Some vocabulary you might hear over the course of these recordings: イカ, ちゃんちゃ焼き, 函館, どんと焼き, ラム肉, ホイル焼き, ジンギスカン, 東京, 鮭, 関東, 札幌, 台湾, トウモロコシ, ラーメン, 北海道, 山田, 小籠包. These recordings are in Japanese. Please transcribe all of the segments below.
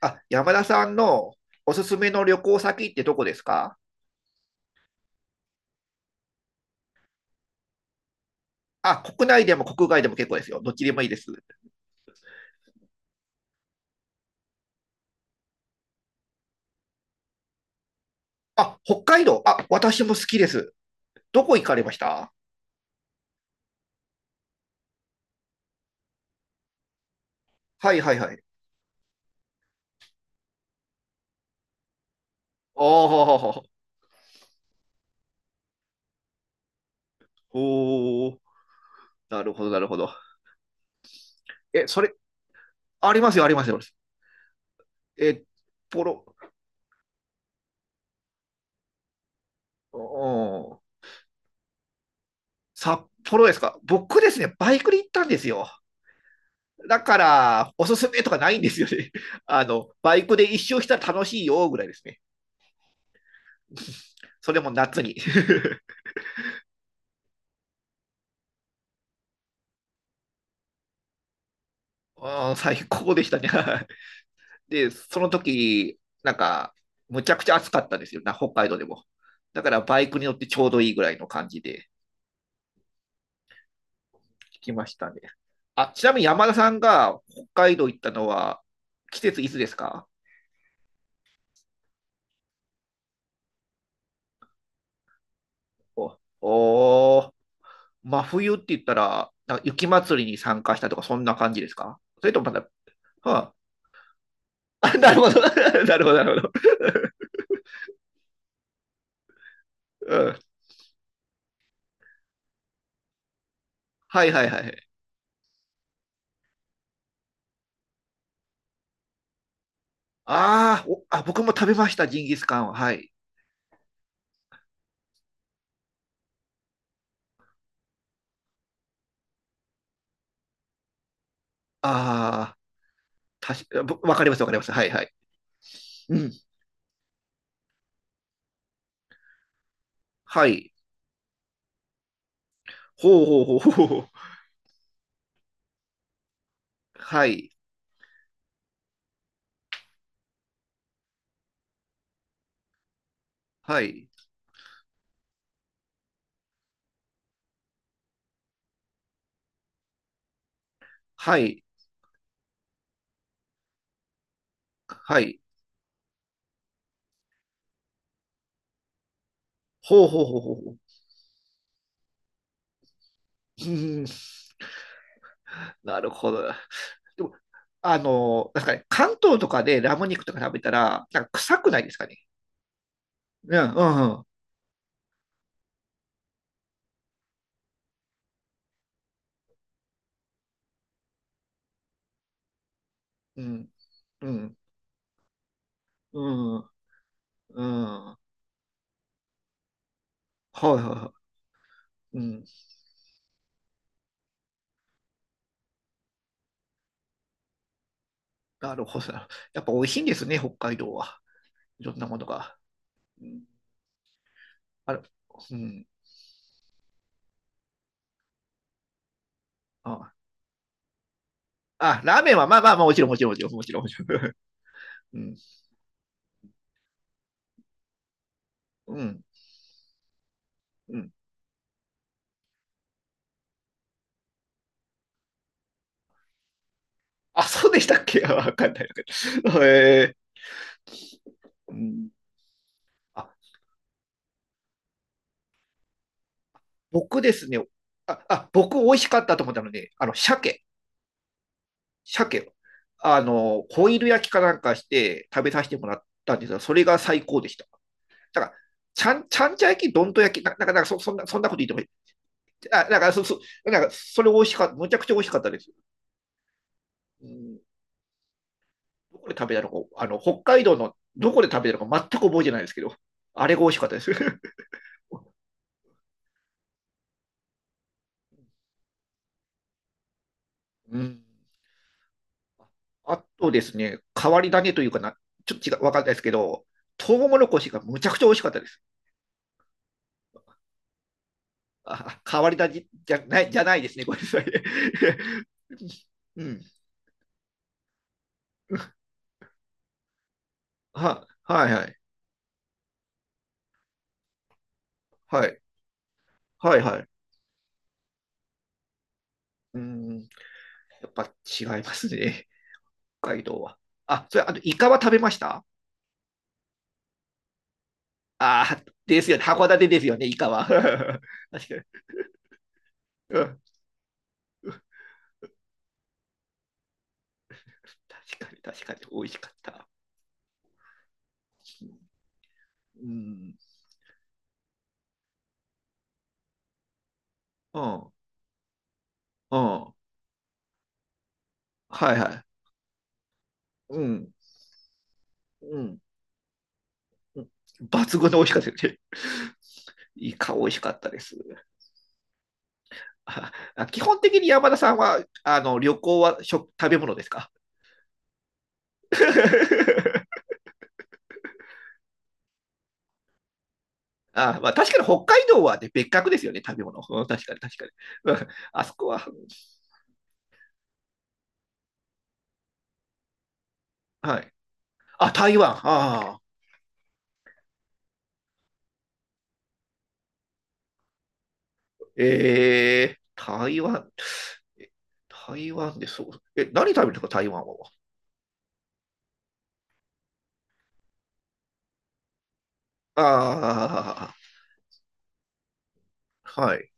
あ、山田さんのおすすめの旅行先ってどこですか？あ、国内でも国外でも結構ですよ。どっちでもいいです。あ、北海道。あ、私も好きです。どこ行かれました？はいはいはい。おー、おー、なるほど、なるほど。え、それ、ありますよ、ありますよ。え、ポロ、うん、札幌ですか？僕ですね、バイクで行ったんですよ。だから、おすすめとかないんですよね。あの、バイクで一周したら楽しいよ、ぐらいですね。それも夏に うん、最高でしたね で、その時、なんか、むちゃくちゃ暑かったんですよな、北海道でも。だからバイクに乗ってちょうどいいぐらいの感じで聞きましたね。あ、ちなみに山田さんが北海道行ったのは、季節いつですか？おおー、真冬って言ったら、なんか雪祭りに参加したとか、そんな感じですか？それともまだ、はあ、あ、なるほど なるほど、なるほど。うん、はいはいはい。あーおあ、僕も食べました、ジンギスカンは。はい。ああ、たし、ぼわかります、わかります。はい、はい。うん。はい。ほうほうほうほうほう。はい。はい。はい。はい。ほうほうほうほうほう。うん。なるほど。でも、あの、なんですかね、関東とかでラム肉とか食べたら、なんか臭くないですかね。うん、うん、うん、うん、うん、うん。はいはいはい。うん。なるほど。やっぱ美味しいんですね、北海道は。いろんなものが。うん、あれ、うん。あ、あ、ラーメンは、まあまあまあ、もちろん、もちろん、もちろん、もちろん。うん。うん。うん。あ、そうでしたっけ わかんない。えー、うん。あ、僕ですね。あ、あ、僕、美味しかったと思ったので、あの、鮭、鮭を、あの、ホイル焼きかなんかして食べさせてもらったんですが、それが最高でした。だから、ちゃん、ちゃんちゃ焼き、どんと焼き、な、なんか、なんかそ、そんな、そんなこと言ってもいい。あ、なんか、そ、そ、なんか、それ美味しかった、むちゃくちゃ美味しかったです。うん、どこで食べたのか、あの、北海道のどこで食べたのか全く覚えてないですけど、あれが美味しかったです。うん。あとですね、変わり種というかな、ちょっと違う、わかんないですけど、トウモロコシがむちゃくちゃ美味しかったです。あ、変わり種じゃない、じゃないですね、ごめんなさい。うん。は、はいはい。はい。はいはい。うーん。やっぱ違いますね、北海道は。あ、それ、あと、イカは食べました？ああー、ですよね。函館ですよね、イカは。確かに。うん、確かに、確かに、美味しかった。うん、うん、うん、はいはい。うん、うん、うん。抜群の美味しかったですね。イカ美味しかったです。ああ、基本的に山田さんは、あの、旅行は食、食べ物ですか？ あ、まあ、確かに北海道は、ね、別格ですよね、食べ物。うん、確かに確かに。うん、あそこは、はい。あ、台湾。ああ。えー、台湾。え、台湾でそう。え、何食べるんですか、台湾は。ああ、はい。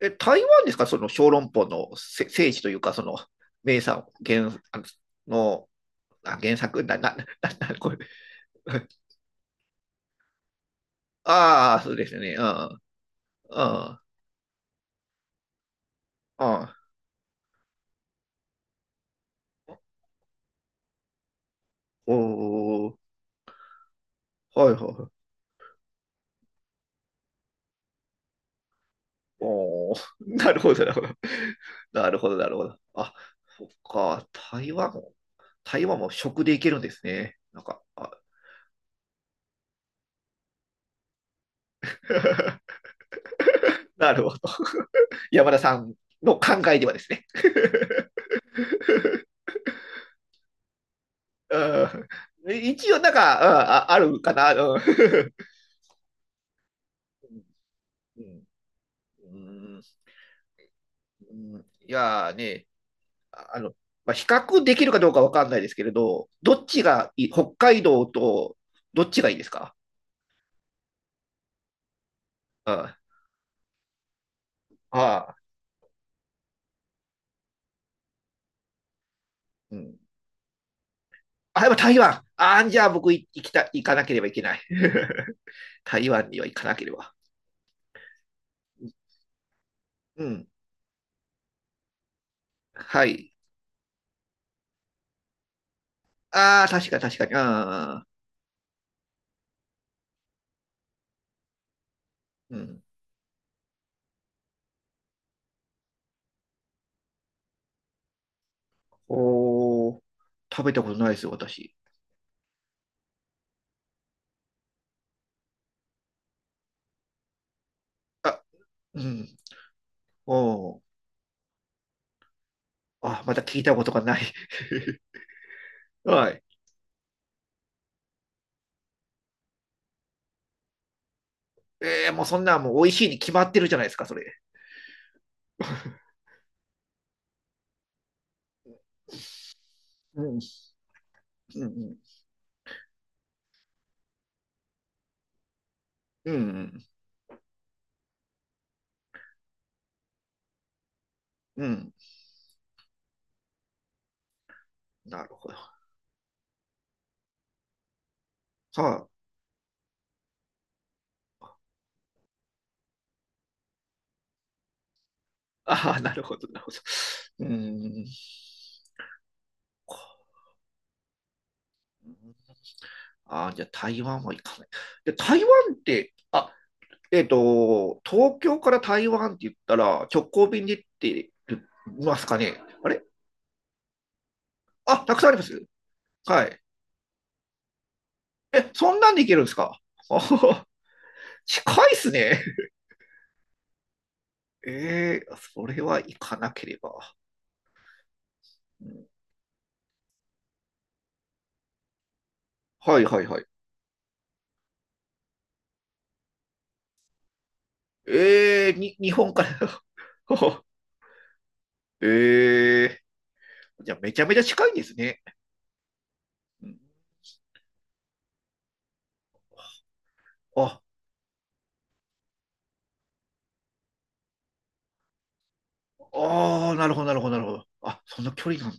え、台湾ですか、その小籠包のせ聖地というか、その名産原あのあ原作な、な、な、な、これ。ああ、そうですね。うん、うん、うん。おお、はいはいはい。おお、なるほど、なるほど。なるほど、なるほど。あ、そっか、台湾も、台湾も食でいけるんですね。なんか、あ なるほど。山田さんの考えではですね。うん、一応、なんか、うん、あ、あるかな。うん うん、うん、うん、いやね、あの、まあ、比較できるかどうかわかんないですけれど、どっちがいい、北海道とどっちがいいですか？うん、ああ、うん。あ、やっぱ台湾。ああ、じゃあ僕い行きた、行かなければいけない。台湾には行かなければ。うん。はい。ああ、確か確かに。ああ、うん。おー、食べたことないですよ、私。あ、うん。おお。あ、また聞いたことがない。はい。ええ、もうそんなもう美味しいに決まってるじゃないですか、それ。うん、うん、うん、うん、うん。なるほど。はあ、ああ、なるほど、なるほど。うーん。ああ、じゃあ台湾は行かない。で、台湾って、あ、東京から台湾って言ったら直行便で行ってますかね？あれ、あ、たくさんあります？はい。え、そんなんで行けるんですか？あはは 近いっすね。ええ、それは行かなければ。うん、はいはいはい。ええに、日本から ええー、じゃあめちゃめちゃ近いんですね。うん、あ、ああ、なるほどなるほどなるほど。あ、そんな距離なんだ。